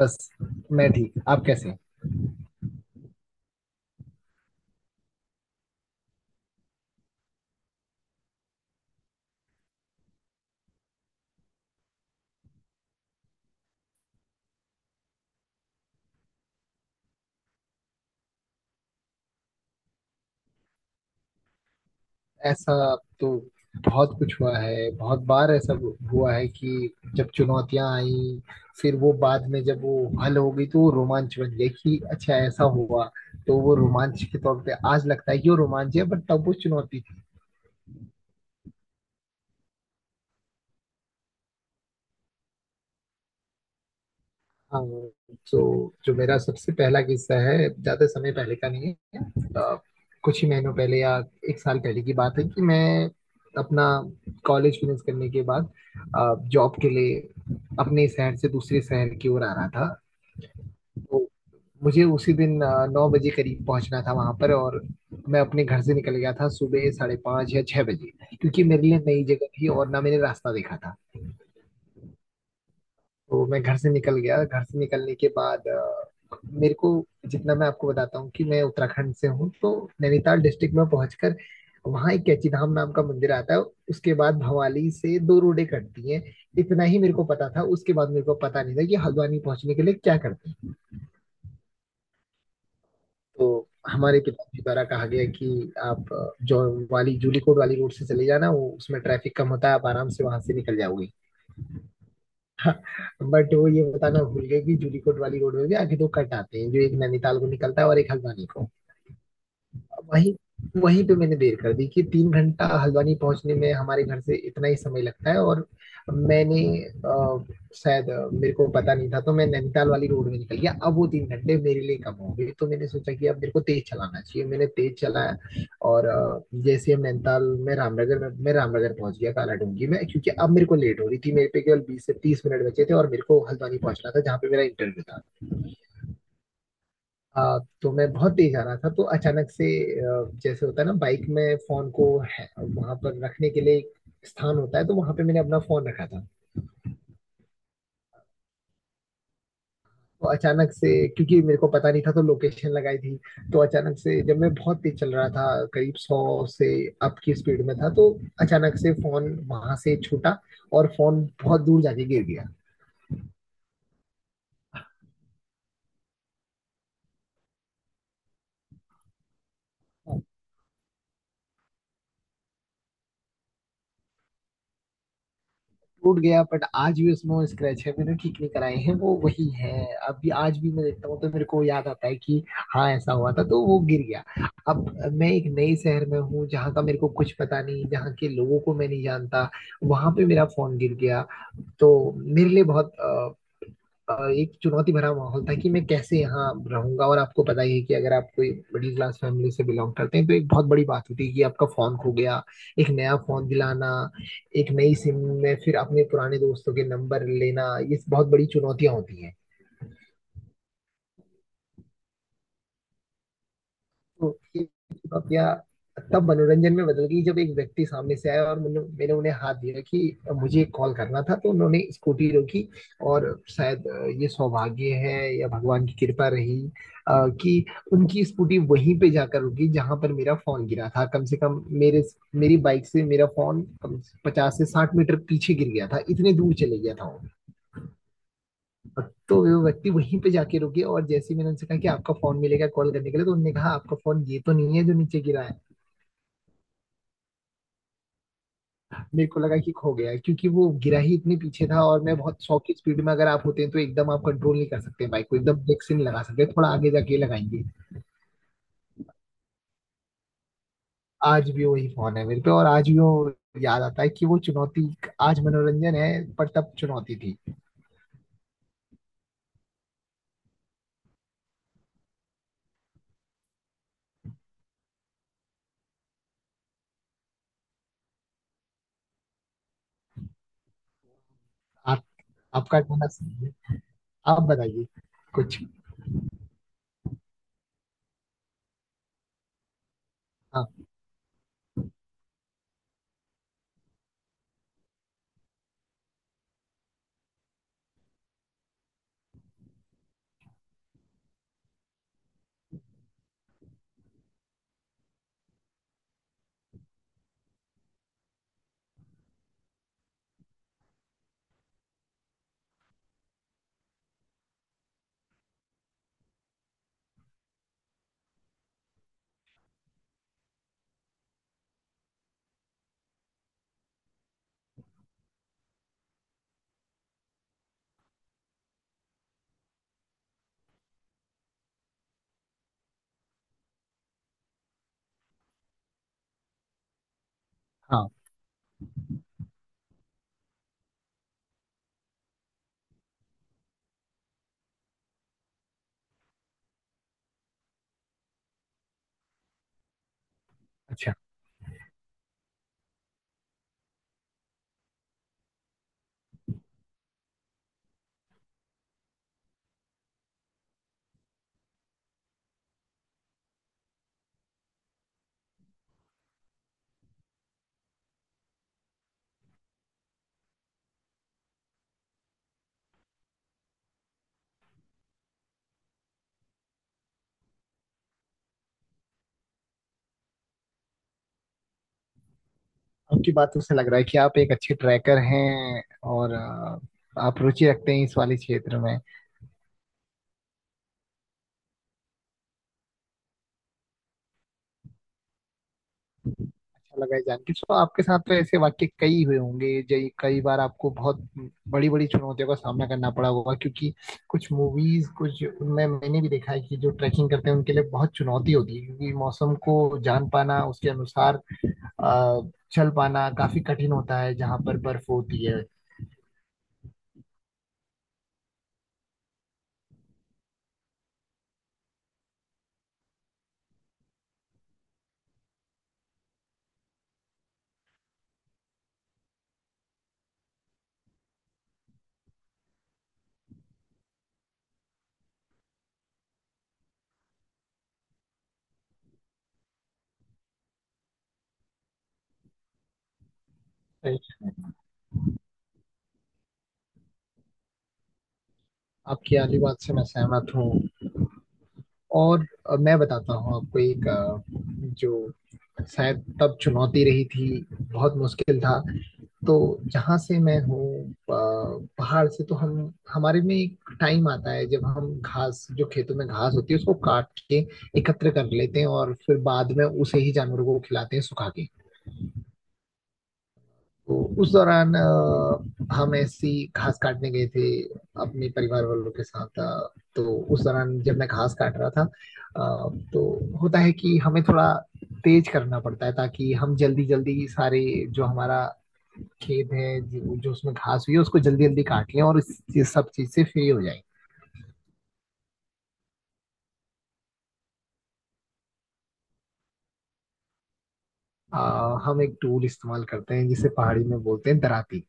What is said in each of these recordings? बस। मैं ठीक, आप कैसे हैं? ऐसा तो बहुत कुछ हुआ है। बहुत बार ऐसा हुआ है कि जब चुनौतियां आई, फिर वो बाद में जब वो हल हो गई तो वो रोमांच बन गया कि अच्छा ऐसा हुआ। तो वो रोमांच के तौर पे आज लगता है कि वो रोमांच है, बट तब वो चुनौती। हाँ। तो जो मेरा सबसे पहला किस्सा है, ज्यादा समय पहले का नहीं है। अ, कुछ ही महीनों पहले या एक साल पहले की बात है कि मैं अपना कॉलेज फिनिश करने के बाद जॉब के लिए अपने शहर से दूसरे शहर की ओर आ रहा था। तो मुझे उसी दिन 9 बजे करीब पहुंचना था वहां पर, और मैं अपने घर से निकल गया था सुबह 5:30 या 6 बजे, क्योंकि मेरे लिए नई जगह थी और ना मैंने रास्ता देखा था। तो मैं घर से निकल गया। घर से निकलने के बाद मेरे को, जितना मैं आपको बताता हूँ कि मैं उत्तराखंड से हूँ, तो नैनीताल डिस्ट्रिक्ट में पहुंचकर वहाँ एक कैची धाम नाम का मंदिर आता है। उसके बाद भवाली से दो रोडें कटती हैं। इतना ही मेरे को पता था, उसके बाद मेरे को पता नहीं था कि हल्द्वानी पहुंचने के लिए क्या करते हैं। तो हमारे पिताजी द्वारा कहा गया कि आप जो वाली जूलीकोट वाली रोड से चले जाना, वो उसमें ट्रैफिक कम होता है, आप आराम से वहां से निकल जाओगे। बट वो ये बताना भूल गए कि जूलीकोट वाली रोड में भी आगे दो कट आते हैं, जो एक नैनीताल को निकलता है और एक हल्द्वानी को। वहीं वहीं पे मैंने देर कर दी कि 3 घंटा हल्द्वानी पहुंचने में हमारे घर से इतना ही समय लगता है, और मैंने अ, शायद मेरे को पता नहीं था तो मैं नैनीताल वाली रोड में निकल गया। अब वो 3 घंटे मेरे लिए कम हो गए तो मैंने सोचा कि अब मेरे को तेज चलाना चाहिए, मैंने तेज चलाया। और जैसे हम नैनीताल में, रामनगर में, मैं रामनगर पहुंच गया, कालाडूंगी में, क्योंकि अब मेरे को लेट हो रही थी, मेरे पे केवल 20 से 30 मिनट बचे थे और मेरे को हल्द्वानी पहुंचना था जहाँ पे मेरा इंटरव्यू था। तो मैं बहुत तेज आ रहा था। तो अचानक से जैसे होता है ना, बाइक में फोन को वहां पर रखने के लिए एक स्थान होता है, तो वहां पे मैंने अपना फोन रखा था। तो अचानक से, क्योंकि मेरे को पता नहीं था तो लोकेशन लगाई थी, तो अचानक से जब मैं बहुत तेज चल रहा था, करीब 100 से ऊपर की स्पीड में था, तो अचानक से फोन वहां से छूटा और फोन बहुत दूर जाके गिर गया। टूट गया, बट आज भी उसमें वो स्क्रैच है, मैंने ठीक नहीं कराए हैं, वो वही है। अभी आज भी मैं देखता हूँ तो मेरे को याद आता है कि हाँ, ऐसा हुआ था। तो वो गिर गया। अब मैं एक नए शहर में हूँ जहाँ का मेरे को कुछ पता नहीं, जहाँ के लोगों को मैं नहीं जानता, वहां पे मेरा फोन गिर गया। तो मेरे लिए बहुत अ, एक चुनौती भरा माहौल था कि मैं कैसे यहाँ रहूंगा। और आपको पता ही है कि अगर आप कोई मिडिल क्लास फैमिली से बिलोंग करते हैं तो एक बहुत बड़ी बात होती है कि आपका फोन खो गया, एक नया फोन दिलाना, एक नई सिम में फिर अपने पुराने दोस्तों के नंबर लेना, ये बहुत बड़ी चुनौतियां होती हैं। तो ये बातियां तब मनोरंजन में बदल गई जब एक व्यक्ति सामने से आया और मैंने मैंने उन्हें हाथ दिया कि मुझे कॉल करना था, तो उन्होंने स्कूटी रोकी। और शायद ये सौभाग्य है या भगवान की कृपा रही, कि उनकी स्कूटी वहीं पे जाकर रुकी जहां पर मेरा फोन गिरा था। कम से कम मेरे मेरी बाइक से मेरा फोन कम से 50 से 60 मीटर पीछे गिर गया था, इतने दूर चले गया था वो। तो वो व्यक्ति वहीं पे जाके रुके और जैसे ही मैंने उनसे कहा कि आपका फोन मिलेगा कॉल करने के लिए, तो उन्होंने कहा आपका फोन ये तो नहीं है जो नीचे गिरा है। मेरे को लगा कि खो गया है, क्योंकि वो गिरा ही इतने पीछे था, और मैं बहुत 100 की स्पीड में अगर आप होते हैं तो एकदम आप कंट्रोल नहीं कर सकते बाइक को, एकदम ब्रेक से नहीं लगा सकते, थोड़ा आगे जाके लगाएंगे। आज भी वही फोन है मेरे पे और आज भी वो याद आता है कि वो चुनौती आज मनोरंजन है, पर तब चुनौती थी। आप आपका कहना सही है। आप बताइए कुछ। हाँ। हाँ। अच्छा। आपकी बातों से लग रहा है कि आप एक अच्छे ट्रैकर हैं, और आप रुचि रखते हैं इस वाले क्षेत्र में। अच्छा लगा ये जान के। सो आपके साथ तो ऐसे वाक्य कई हुए होंगे। जय, कई बार आपको बहुत बड़ी बड़ी चुनौतियों का सामना करना पड़ा होगा क्योंकि कुछ मूवीज, कुछ उनमें मैंने भी देखा है कि जो ट्रैकिंग करते हैं उनके लिए बहुत चुनौती होती है क्योंकि मौसम को जान पाना, उसके अनुसार अ, चल पाना काफी कठिन होता है जहाँ पर बर्फ होती है। आपकी आली बात से मैं सहमत हूँ। और मैं बताता हूँ आपको एक जो शायद तब चुनौती रही थी, बहुत मुश्किल था। तो जहाँ से मैं हूँ पहाड़ से, तो हम हमारे में एक टाइम आता है जब हम घास, जो खेतों में घास होती है, उसको काट के एकत्र कर लेते हैं और फिर बाद में उसे ही जानवरों को खिलाते हैं सुखा के। तो उस दौरान हम ऐसी घास काटने गए थे अपने परिवार वालों के साथ। तो उस दौरान जब मैं घास काट रहा था, तो होता है कि हमें थोड़ा तेज करना पड़ता है ताकि हम जल्दी जल्दी सारे जो हमारा खेत है, जो उसमें घास हुई है, उसको जल्दी जल्दी काट लें और इस, ये सब चीज से फ्री हो जाए। हम एक टूल इस्तेमाल करते हैं जिसे पहाड़ी में बोलते हैं दराती।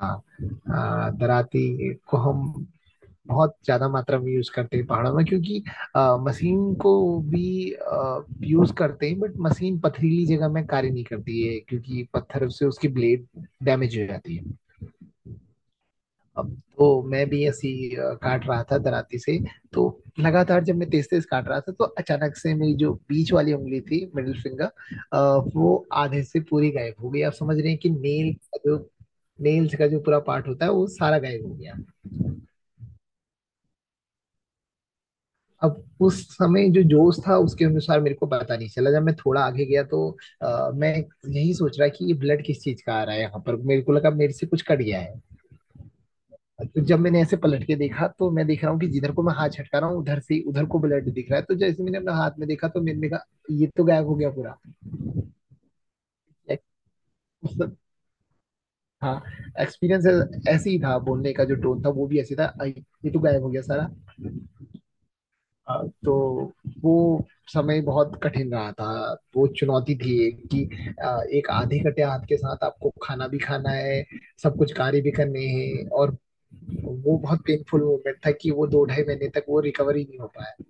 हाँ। दराती को हम बहुत ज्यादा मात्रा में यूज करते हैं पहाड़ों में, क्योंकि मशीन को भी यूज करते हैं, बट मशीन पथरीली जगह में कार्य नहीं करती है क्योंकि पत्थर से उसकी ब्लेड डैमेज हो जाती है। अब तो मैं भी ऐसी काट रहा था दराती से। तो लगातार जब मैं तेज तेज काट रहा था तो अचानक से मेरी जो बीच वाली उंगली थी, मिडिल फिंगर, वो आधे से पूरी गायब हो गई। आप समझ रहे हैं कि नेल्स का जो पूरा पार्ट होता है वो सारा गायब हो गया। अब उस समय जो जोश था उसके अनुसार मेरे को पता नहीं चला। जब मैं थोड़ा आगे गया तो मैं यही सोच रहा कि ये ब्लड किस चीज का आ रहा है यहाँ पर, मेरे को लगा मेरे से कुछ कट गया है। तो जब मैंने ऐसे पलट के देखा तो मैं देख रहा हूँ कि जिधर को मैं हाथ छटका रहा हूँ उधर से उधर को ब्लड दिख रहा है। तो जैसे मैंने अपना हाथ में देखा तो मैंने कहा, ये तो गायब हो गया पूरा। एक- मतलब, हाँ, एक्सपीरियंस ऐसे ही था। बोलने का जो टोन था वो भी ऐसे था, ये तो गायब हो गया सारा। तो वो समय बहुत कठिन रहा था। वो चुनौती थी एक कि एक आधे कटे हाथ के साथ आपको खाना भी खाना है, सब कुछ कार्य भी करने हैं। और वो बहुत पेनफुल मोमेंट था कि वो 2 ढाई महीने तक वो रिकवरी नहीं हो पाया।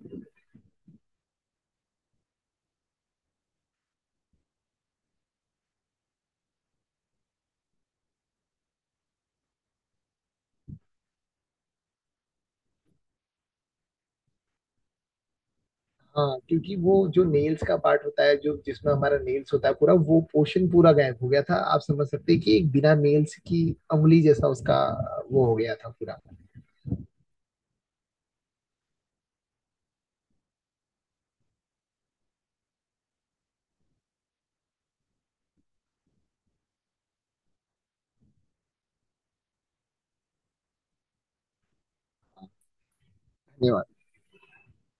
हाँ, क्योंकि वो जो नेल्स का पार्ट होता है जो, जिसमें हमारा नेल्स होता है पूरा, वो पोर्शन पूरा गायब हो गया था। आप समझ सकते हैं कि एक बिना नेल्स की उंगली जैसा उसका वो हो गया था पूरा। धन्यवाद।